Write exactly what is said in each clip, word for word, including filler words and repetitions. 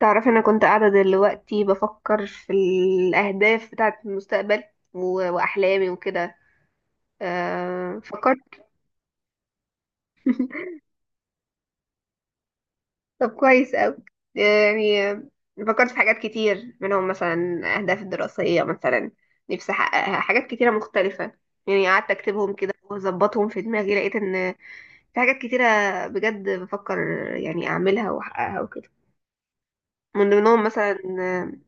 تعرفي، انا كنت قاعده دلوقتي بفكر في الاهداف بتاعه المستقبل و- واحلامي وكده. آه، فكرت. طب كويس قوي. يعني آه، فكرت في حاجات كتير منهم مثلا اهداف الدراسيه مثلا، نفسي احققها. حاجات كتيره مختلفه، يعني قعدت اكتبهم كده واظبطهم في دماغي. لقيت ان في حاجات كتيره بجد بفكر يعني اعملها واحققها وكده. من ضمنهم مثلا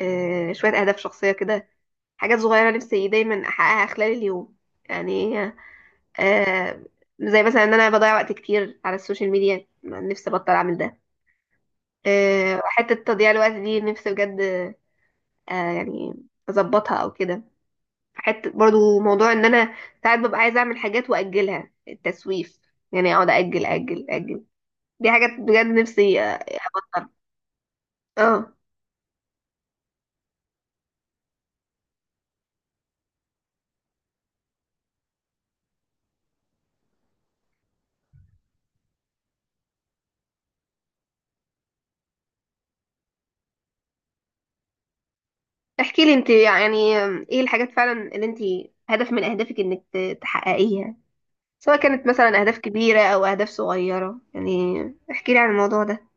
آه، آه، شويه اهداف شخصيه كده. حاجات صغيرة نفسي دايما أحققها خلال اليوم، يعني آه زي مثلا إن أنا بضيع وقت كتير على السوشيال ميديا، نفسي أبطل أعمل ده. آه حتة تضييع الوقت دي نفسي بجد آه يعني أظبطها أو كده. حتة برضو موضوع إن أنا ساعات ببقى عايزة أعمل حاجات وأجلها، التسويف، يعني أقعد أجل أجل أجل. دي حاجات بجد نفسي آه، أبطلها. اه، احكي لي انت يعني آه، ايه الحاجات فعلا اللي انت، هدف من اهدافك انك ت- تحققيها، سواء كانت مثلا أهداف كبيرة أو أهداف صغيرة يعني. احكي لي عن الموضوع ده.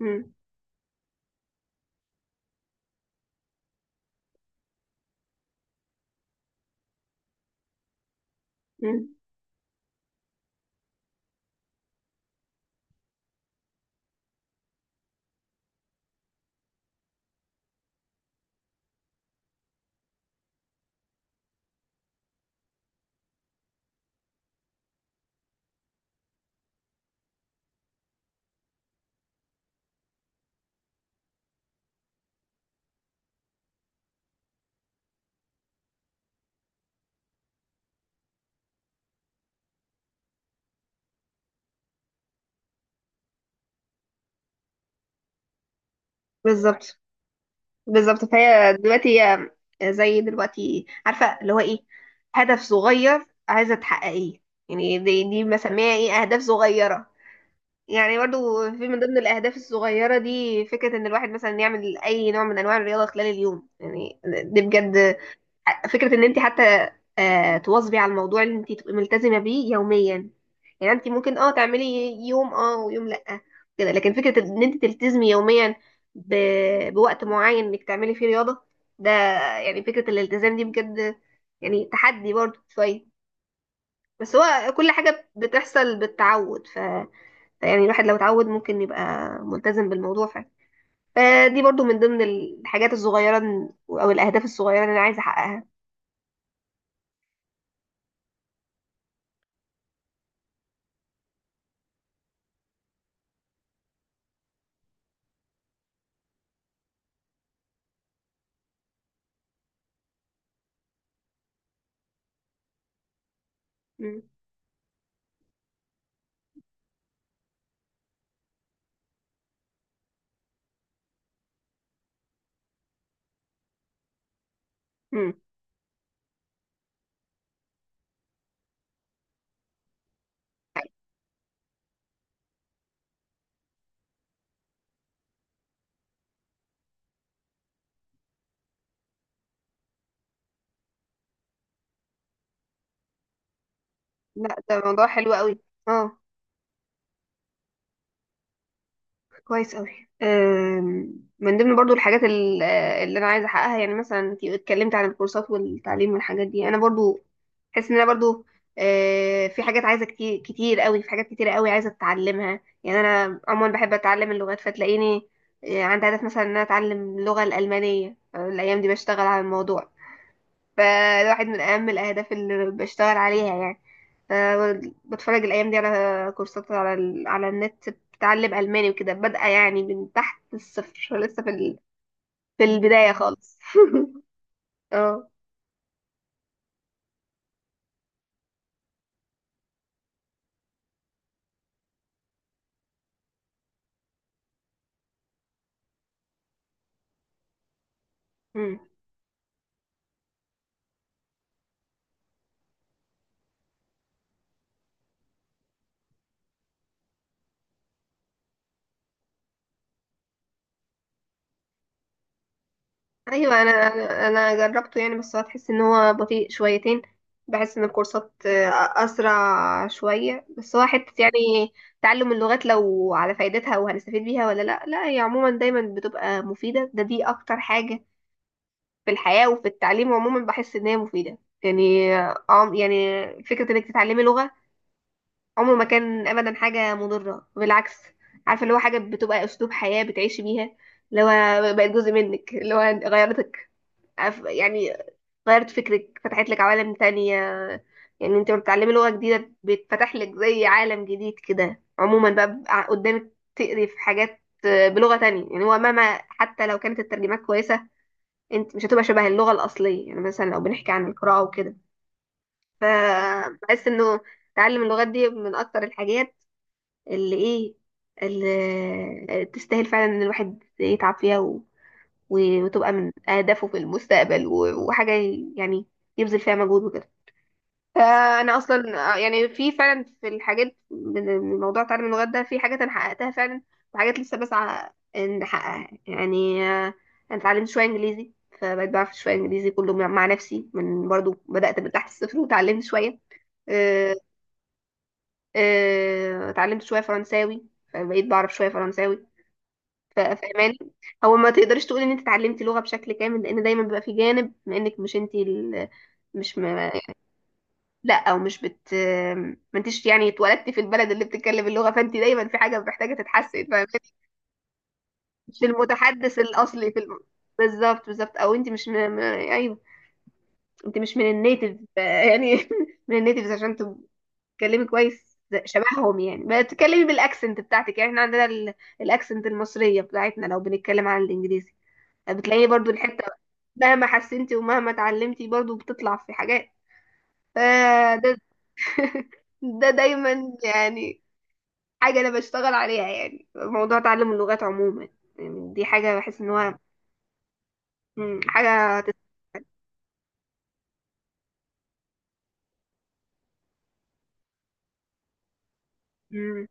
مم. مم. بالظبط، بالظبط، فهي دلوقتي هي، زي دلوقتي عارفة اللي هو إيه، هدف صغير عايزة تحققيه. يعني دي دي مسميها إيه، أهداف صغيرة. يعني برضو في من ضمن الأهداف الصغيرة دي فكرة إن الواحد مثلا يعمل أي نوع من أنواع الرياضة خلال اليوم، يعني دي بجد فكرة. ان انت حتى آه، تواظبي على الموضوع اللي انت تبقي ملتزمة بيه يوميا. يعني انت ممكن اه تعملي يوم اه ويوم لأ كده، لكن فكرة ان انت تلتزمي يوميا ب... بوقت معين انك تعملي فيه رياضة ده. يعني فكرة الالتزام دي بجد، يعني تحدي برضو شوية، بس هو كل حاجة بتحصل بالتعود. ف... فيعني الواحد لو اتعود ممكن يبقى ملتزم بالموضوع فعلا. فدي برضو من ضمن الحاجات الصغيرة او الاهداف الصغيرة اللي انا عايزة احققها. م. م. لا، ده موضوع حلو قوي. اه، كويس قوي. أم، من ضمن برضو الحاجات ال- آه، اللي انا عايزه احققها، يعني مثلا انت اتكلمت عن الكورسات والتعليم والحاجات دي. انا برضو حاسس ان انا برضو أه، في حاجات عايزه كتير كتير قوي، في حاجات كتير قوي عايزه اتعلمها. يعني انا عموما بحب اتعلم اللغات، فتلاقيني أه، عندي هدف مثلا ان انا اتعلم اللغه الالمانيه. أه، الايام دي بشتغل على الموضوع، فالواحد من أهم الأهداف اللي بشتغل عليها يعني. آه، بتفرج الأيام دي على كورسات على ال... على النت، بتعلم ألماني وكده، بادئة يعني من تحت الصفر، لسه في ال... في البداية خالص اه. مم. ايوه، انا انا أنا جربته يعني، بس هتحس ان هو بطيء شويتين. بحس ان الكورسات آه، اسرع شويه، بس هو حته يعني تعلم اللغات، لو على فايدتها وهنستفيد بيها ولا لا. لا، هي عموما دايما بتبقى مفيده، ده دي اكتر حاجه في الحياة وفي التعليم. عموما بحس ان هي مفيدة يعني عم يعني فكرة انك تتعلمي لغة، عمره ما كان ابدا حاجة مضرة، بالعكس. عارفة اللي هو حاجة بتبقى اسلوب حياة بتعيشي بيها، اللي هو بقت جزء منك، اللي هو غيرتك، عارف- يعني غيرت فكرك، فتحت لك عوالم تانية. يعني انت لما بتتعلمي لغة جديدة بيتفتح لك زي عالم جديد كده. عموما بقى بقى قدامك تقري في حاجات بلغة تانية، يعني هو مهما حتى لو كانت الترجمات كويسة، انت مش هتبقى شبه اللغة الأصلية. يعني مثلا لو بنحكي عن القراءة وكده، فبحس انه تعلم اللغات دي من أكتر الحاجات، اللي ايه، اللي تستاهل فعلا ان الواحد يتعب فيها و... وتبقى من أهدافه في المستقبل و... وحاجة يعني يبذل فيها مجهود وكده. فانا اصلا آه، يعني في فعلا في الحاجات من من موضوع تعلم اللغات ده، في حاجات انا حققتها فعلا وحاجات لسه بسعى ان احققها يعني. آه، انا اتعلمت شويه انجليزي، فبقيت بعرف شويه انجليزي كله مع مع نفسي، من برضو بدات من تحت الصفر وتعلمت شويه. آه، آه، اتعلمت شويه فرنساوي، فبقيت بعرف شويه فرنساوي. ف- فاهماني، هو ما تقدرش تقول ان انت اتعلمتي لغه بشكل كامل، لان دايما بيبقى في جانب بما انك مش انت ال... مش م... لا، او مش بت، ما انتش يعني اتولدتي في البلد اللي بتتكلم اللغه. فانت دايما في حاجه محتاجه تتحسن، فاهماني. مش المتحدث الاصلي في الم... بالظبط، بالظبط. او انت مش م... م... ايوه، انت مش من النيتيف يعني من النيتيفز، عشان تتكلمي كويس زي- شبههم. يعني بتتكلمي بالاكسنت بتاعتك، يعني احنا عندنا ال... الاكسنت المصريه بتاعتنا، لو بنتكلم عن الانجليزي بتلاقيه برضو الحته. مهما حسنتي ومهما اتعلمتي برضو بتطلع في حاجات، فده ده دايما يعني حاجة أنا بشتغل عليها، يعني موضوع تعلم اللغات عموما. يعني دي حاجة بحس إن هو مم، حاجة تت... مم.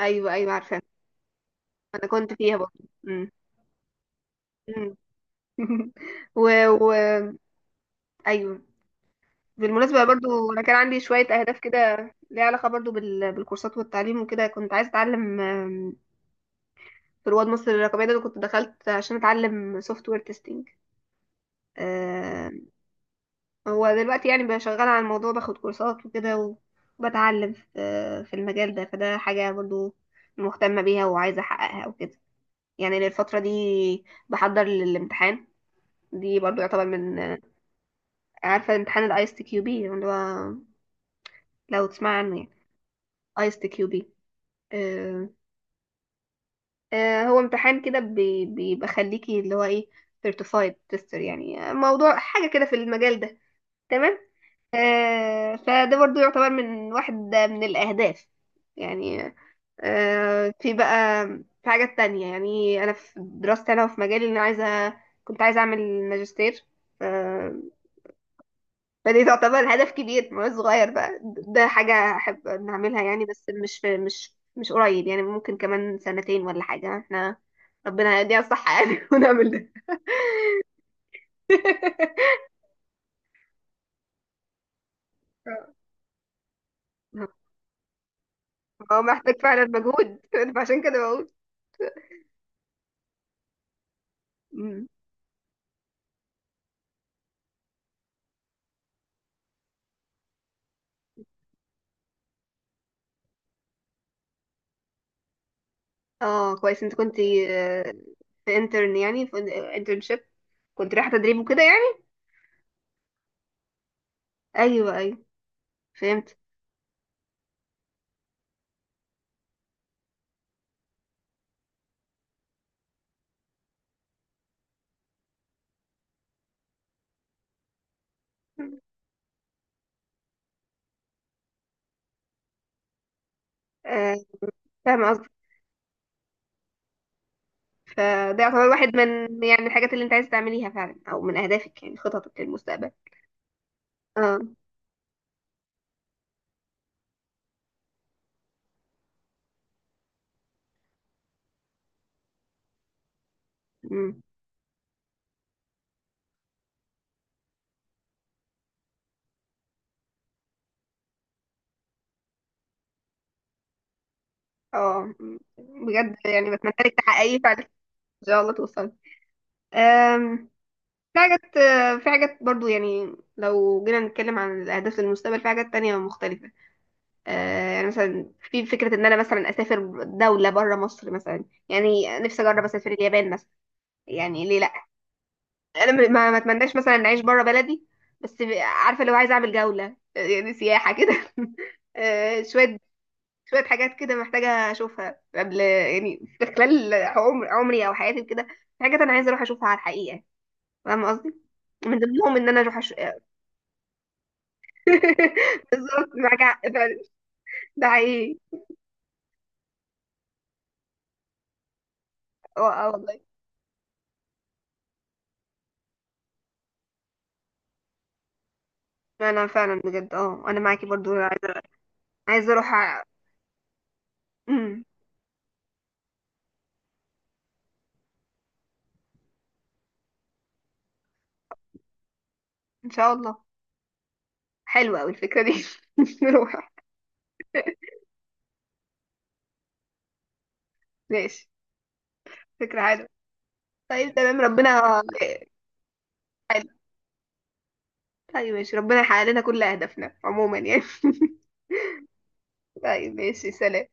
أيوه، أيوه، عارفة، أنا كنت فيها برضه. مم. مم. و... و... أيوه، بالمناسبة برضو أنا كان عندي شوية أهداف كده، ليها علاقة برضو بال... بالكورسات والتعليم وكده. كنت عايزة أتعلم آم، في رواد مصر الرقمية ده، أنا كنت دخلت عشان أتعلم سوفت وير تيستنج. هو دلوقتي يعني بقى شغال على الموضوع، باخد كورسات وكده وبتعلم في في المجال ده. فده حاجة برضو مهتمة بيها وعايزة أحققها وكده، يعني للفترة دي بحضر للامتحان. دي برضو يعتبر من، عارفة، امتحان الايس تي كيو بي، اللي هو لو تسمع عنه يعني، ايس تي كيو بي. هو امتحان كده بي- بيبقى خليكي، اللي هو ايه، سيرتيفايد تيستر. يعني موضوع حاجة كده في المجال ده، تمام. آه، فده برضو يعتبر من، واحد من الأهداف يعني، آه، في بقى في حاجات تانية. يعني أنا في دراستي أنا وفي مجالي، إن أنا عايزة، كنت عايزة أعمل ماجستير. آه، فدي تعتبر هدف كبير مش صغير بقى، ده حاجة أحب نعملها يعني، بس مش في مش مش قريب. يعني ممكن كمان سنتين ولا حاجة، احنا ربنا يديها الصحة يعني ونعمل ده. هو محتاج فعلا مجهود فعشان كده بقول. اه، كويس، انت كنت آه، في انترن يعني، في انترنشيب، كنت رايحة تدريب وكده يعني. ايوه، ايوه، فهمت. آه، فاهمة قصدك. فده يعتبر واحد من يعني الحاجات اللي انت عايز تعمليها فعلا، او من اهدافك يعني خططك للمستقبل. اه، أمم. اه، أمم. بجد يعني بتمنى لك تحققيه فعلا، ان شاء الله توصل. آم، في حاجات آه، في حاجات برضو، يعني لو جينا نتكلم عن الاهداف للمستقبل في حاجات تانية مختلفة. آه، يعني مثلا في فكرة ان انا مثلا اسافر دولة بره مصر مثلا، يعني نفسي اجرب اسافر اليابان مثلا، يعني ليه لا. انا م- ما ما اتمناش مثلا ان اعيش بره بلدي، بس ب- عارفة، لو عايزة اعمل جولة آه، يعني سياحة كده آه، شوية شوية حاجات كده محتاجة اشوفها قبل، يعني في خلال عمر عمري او حياتي كده، في حاجات انا عايزة اروح اشوفها على الحقيقة، فاهمة قصدي. من ضمنهم ان انا اروح أش... بالظبط، معاك حق فعلا. ده حقيقي. آه، آه، والله، فعلا فعلا بجد. اه، انا معاكي برضو عايزه، عايزه اروح أ- امم ان شاء الله. حلوه قوي الفكره دي نروح. ماشي، فكره حلوه. طيب، تمام، ربنا، حلو. طيب ماشي، ربنا يحقق لنا كل اهدافنا عموما يعني. طيب ماشي، سلام.